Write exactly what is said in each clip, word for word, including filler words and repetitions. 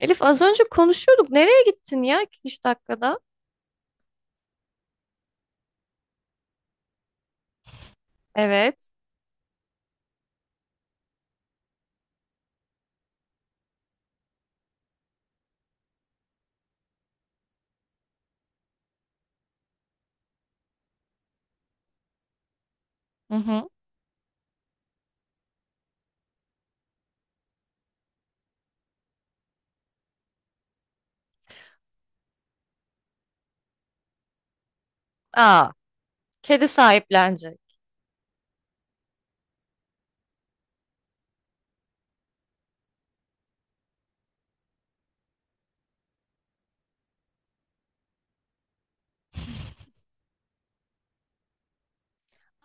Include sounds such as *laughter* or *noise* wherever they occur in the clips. Elif az önce konuşuyorduk. Nereye gittin ya iki üç dakikada? Evet. Hı hı. Aa, kedi sahiplenecek.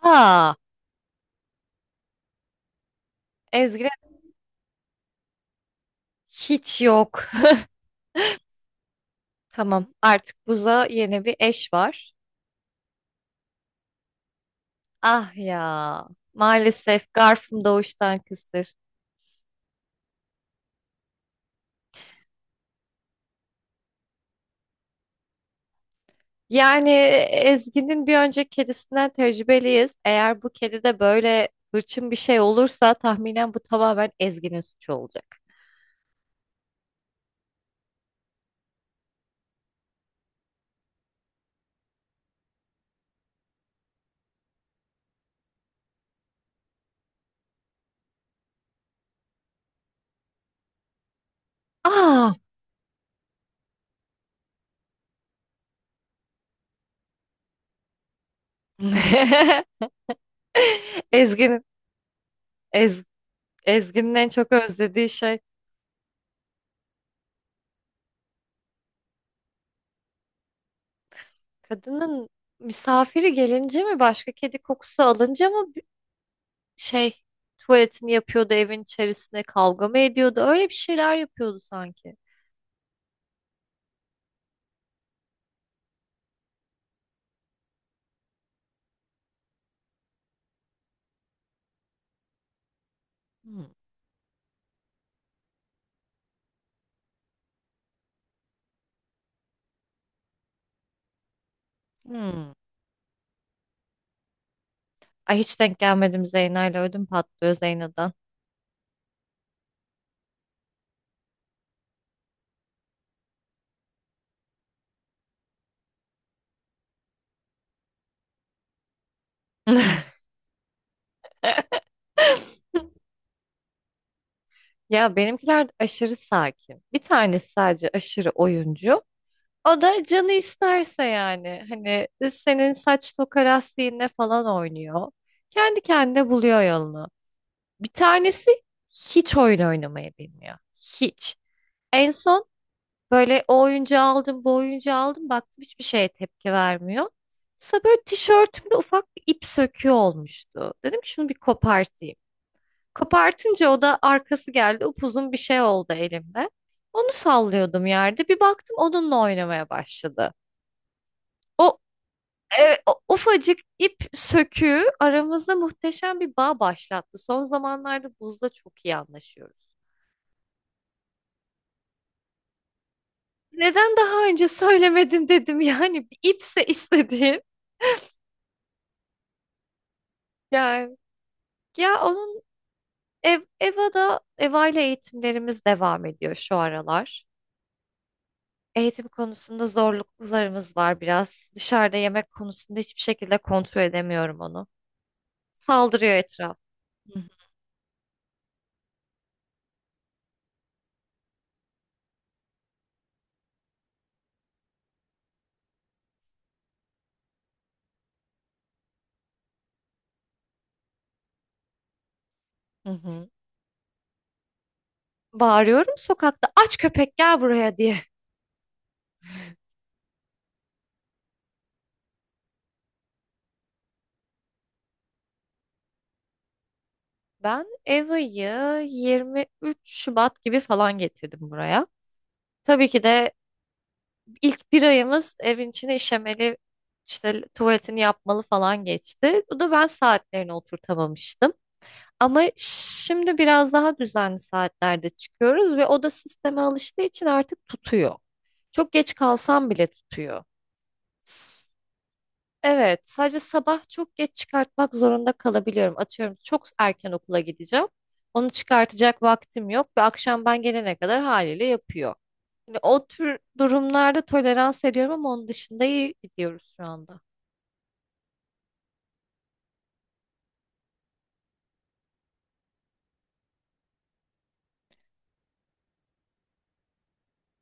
Aa, Ezgi'de hiç yok. *laughs* Tamam, artık Buz'a yeni bir eş var. Ah ya, maalesef Garf'ım doğuştan kısır. Yani e, Ezgi'nin bir önceki kedisinden tecrübeliyiz. Eğer bu kedi de böyle hırçın bir şey olursa tahminen bu tamamen Ezgi'nin suçu olacak. Aa! *laughs* Ezgi'nin Ez- Ezgi'nin en çok özlediği şey kadının misafiri gelince mi, başka kedi kokusu alınca mı, şey tuvaletini yapıyordu evin içerisinde, kavga mı ediyordu? Öyle bir şeyler yapıyordu sanki. Hmm. Hmm. Ay, hiç denk gelmedim Zeyna'yla, ödüm patlıyor Zeyna'dan. *laughs* Ya benimkiler de aşırı sakin. Bir tanesi sadece aşırı oyuncu. O da canı isterse yani. Hani senin saç toka lastiğinle falan oynuyor. Kendi kendine buluyor yolunu. Bir tanesi hiç oyun oynamayı bilmiyor. Hiç. En son böyle o oyuncağı aldım, bu oyuncağı aldım. Baktım hiçbir şeye tepki vermiyor. Sonra böyle tişörtümde ufak bir ip söküğü olmuştu. Dedim ki şunu bir kopartayım. Kopartınca o da arkası geldi. Upuzun bir şey oldu elimde. Onu sallıyordum yerde. Bir baktım onunla oynamaya başladı. O, e, o ufacık ip söküğü aramızda muhteşem bir bağ başlattı. Son zamanlarda Buz'da çok iyi anlaşıyoruz. Neden daha önce söylemedin dedim *laughs* yani bir ipse istediğin. Yani Ya onun ev, EVA'da EVA ile eğitimlerimiz devam ediyor şu aralar. Eğitim konusunda zorluklarımız var biraz. Dışarıda yemek konusunda hiçbir şekilde kontrol edemiyorum onu. Saldırıyor etraf. Hı hı. Hı. Hı. Bağırıyorum sokakta aç köpek gel buraya diye. Ben EVA'yı yirmi üç Şubat gibi falan getirdim buraya. Tabii ki de ilk bir ayımız evin içine işemeli, işte tuvaletini yapmalı falan geçti. Bu da ben saatlerini oturtamamıştım. Ama şimdi biraz daha düzenli saatlerde çıkıyoruz ve o da sisteme alıştığı için artık tutuyor. Çok geç kalsam bile tutuyor. S- Evet, sadece sabah çok geç çıkartmak zorunda kalabiliyorum. Atıyorum çok erken okula gideceğim. Onu çıkartacak vaktim yok ve akşam ben gelene kadar haliyle yapıyor. Yani o tür durumlarda tolerans ediyorum ama onun dışında iyi gidiyoruz şu anda.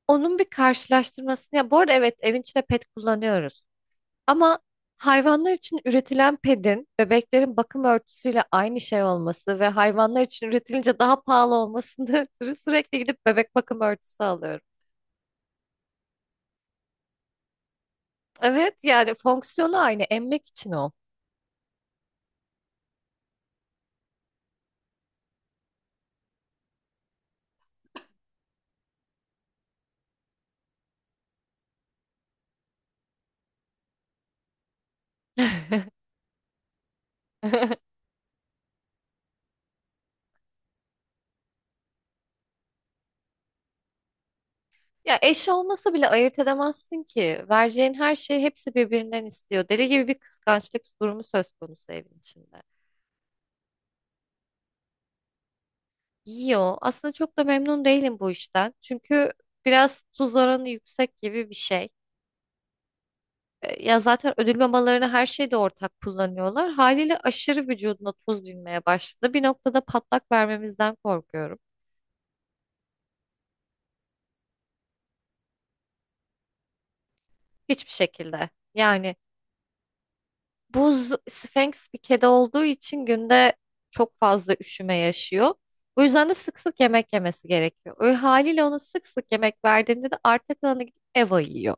Onun bir karşılaştırmasını, ya bu arada evet, evin içinde pet kullanıyoruz. Ama hayvanlar için üretilen pedin bebeklerin bakım örtüsüyle aynı şey olması ve hayvanlar için üretilince daha pahalı olmasını *laughs* ötürü sürekli gidip bebek bakım örtüsü alıyorum. Evet, yani fonksiyonu aynı, emmek için o. *laughs* Ya eş olmasa bile ayırt edemezsin ki. Vereceğin her şeyi hepsi birbirinden istiyor. Deli gibi bir kıskançlık durumu söz konusu evin içinde. Yiyor. Aslında çok da memnun değilim bu işten. Çünkü biraz tuz oranı yüksek gibi bir şey. E, Ya zaten ödül mamalarını her şeyde ortak kullanıyorlar. Haliyle aşırı vücuduna tuz binmeye başladı. Bir noktada patlak vermemizden korkuyorum. Hiçbir şekilde. Yani Buz Sphinx bir kedi olduğu için günde çok fazla üşüme yaşıyor. Bu yüzden de sık sık yemek yemesi gerekiyor. Öyle haliyle ona sık sık yemek verdiğimde de arta kalanı gidip Eva yiyor.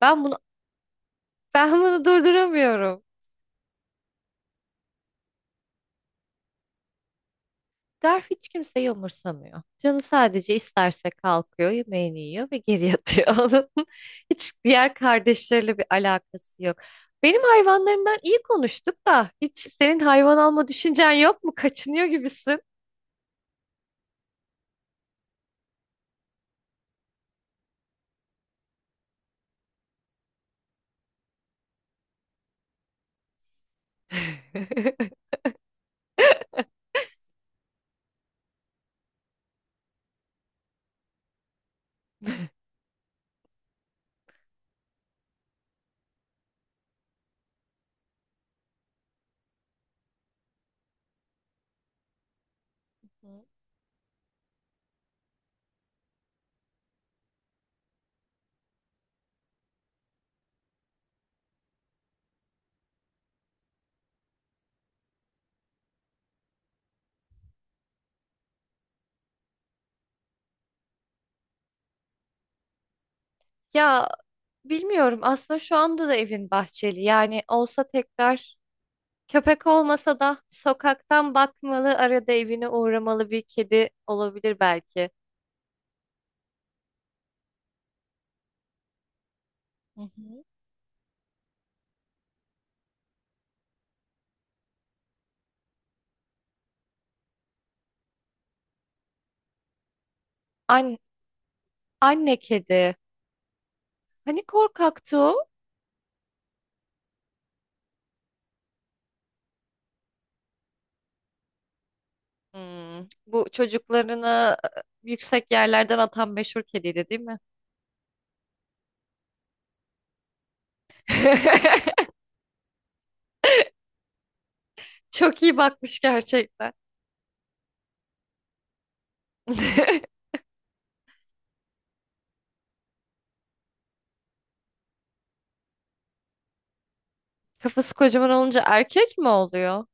Ben bunu *laughs* ben bunu durduramıyorum. Garf hiç kimseyi umursamıyor. Canı sadece isterse kalkıyor, yemeğini yiyor ve geri yatıyor. *laughs* Onun hiç diğer kardeşleriyle bir alakası yok. Benim hayvanlarımdan iyi konuştuk da hiç senin hayvan alma düşüncen yok mu? Kaçınıyor gibisin. *laughs* Hı. Ya bilmiyorum, aslında şu anda da evin bahçeli yani olsa, tekrar köpek olmasa da sokaktan bakmalı, arada evine uğramalı bir kedi olabilir belki. Hı hı. An Anne kedi. Hani korkaktı o? Hmm, bu çocuklarını e, yüksek yerlerden atan meşhur kediydi değil mi? *laughs* Çok iyi bakmış gerçekten. *laughs* Kafası kocaman olunca erkek mi oluyor?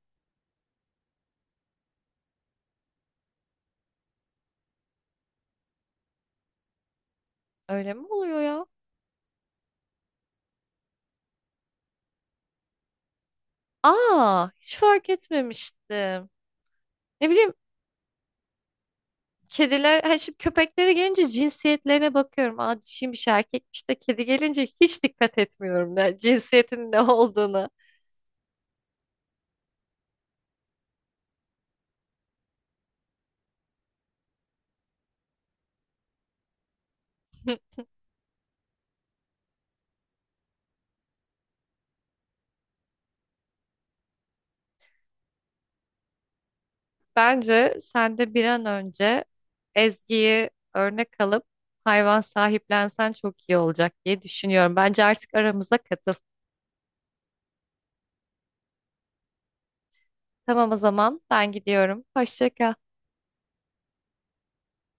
Öyle mi oluyor ya? Aa, hiç fark etmemiştim. Ne bileyim, kediler, hani şimdi köpeklere gelince cinsiyetlerine bakıyorum. Aa, dişiymiş, erkekmiş, de kedi gelince hiç dikkat etmiyorum ne, cinsiyetin ne olduğunu. Bence sen de bir an önce Ezgi'yi örnek alıp hayvan sahiplensen çok iyi olacak diye düşünüyorum. Bence artık aramıza katıl. Tamam, o zaman ben gidiyorum. Hoşça kal.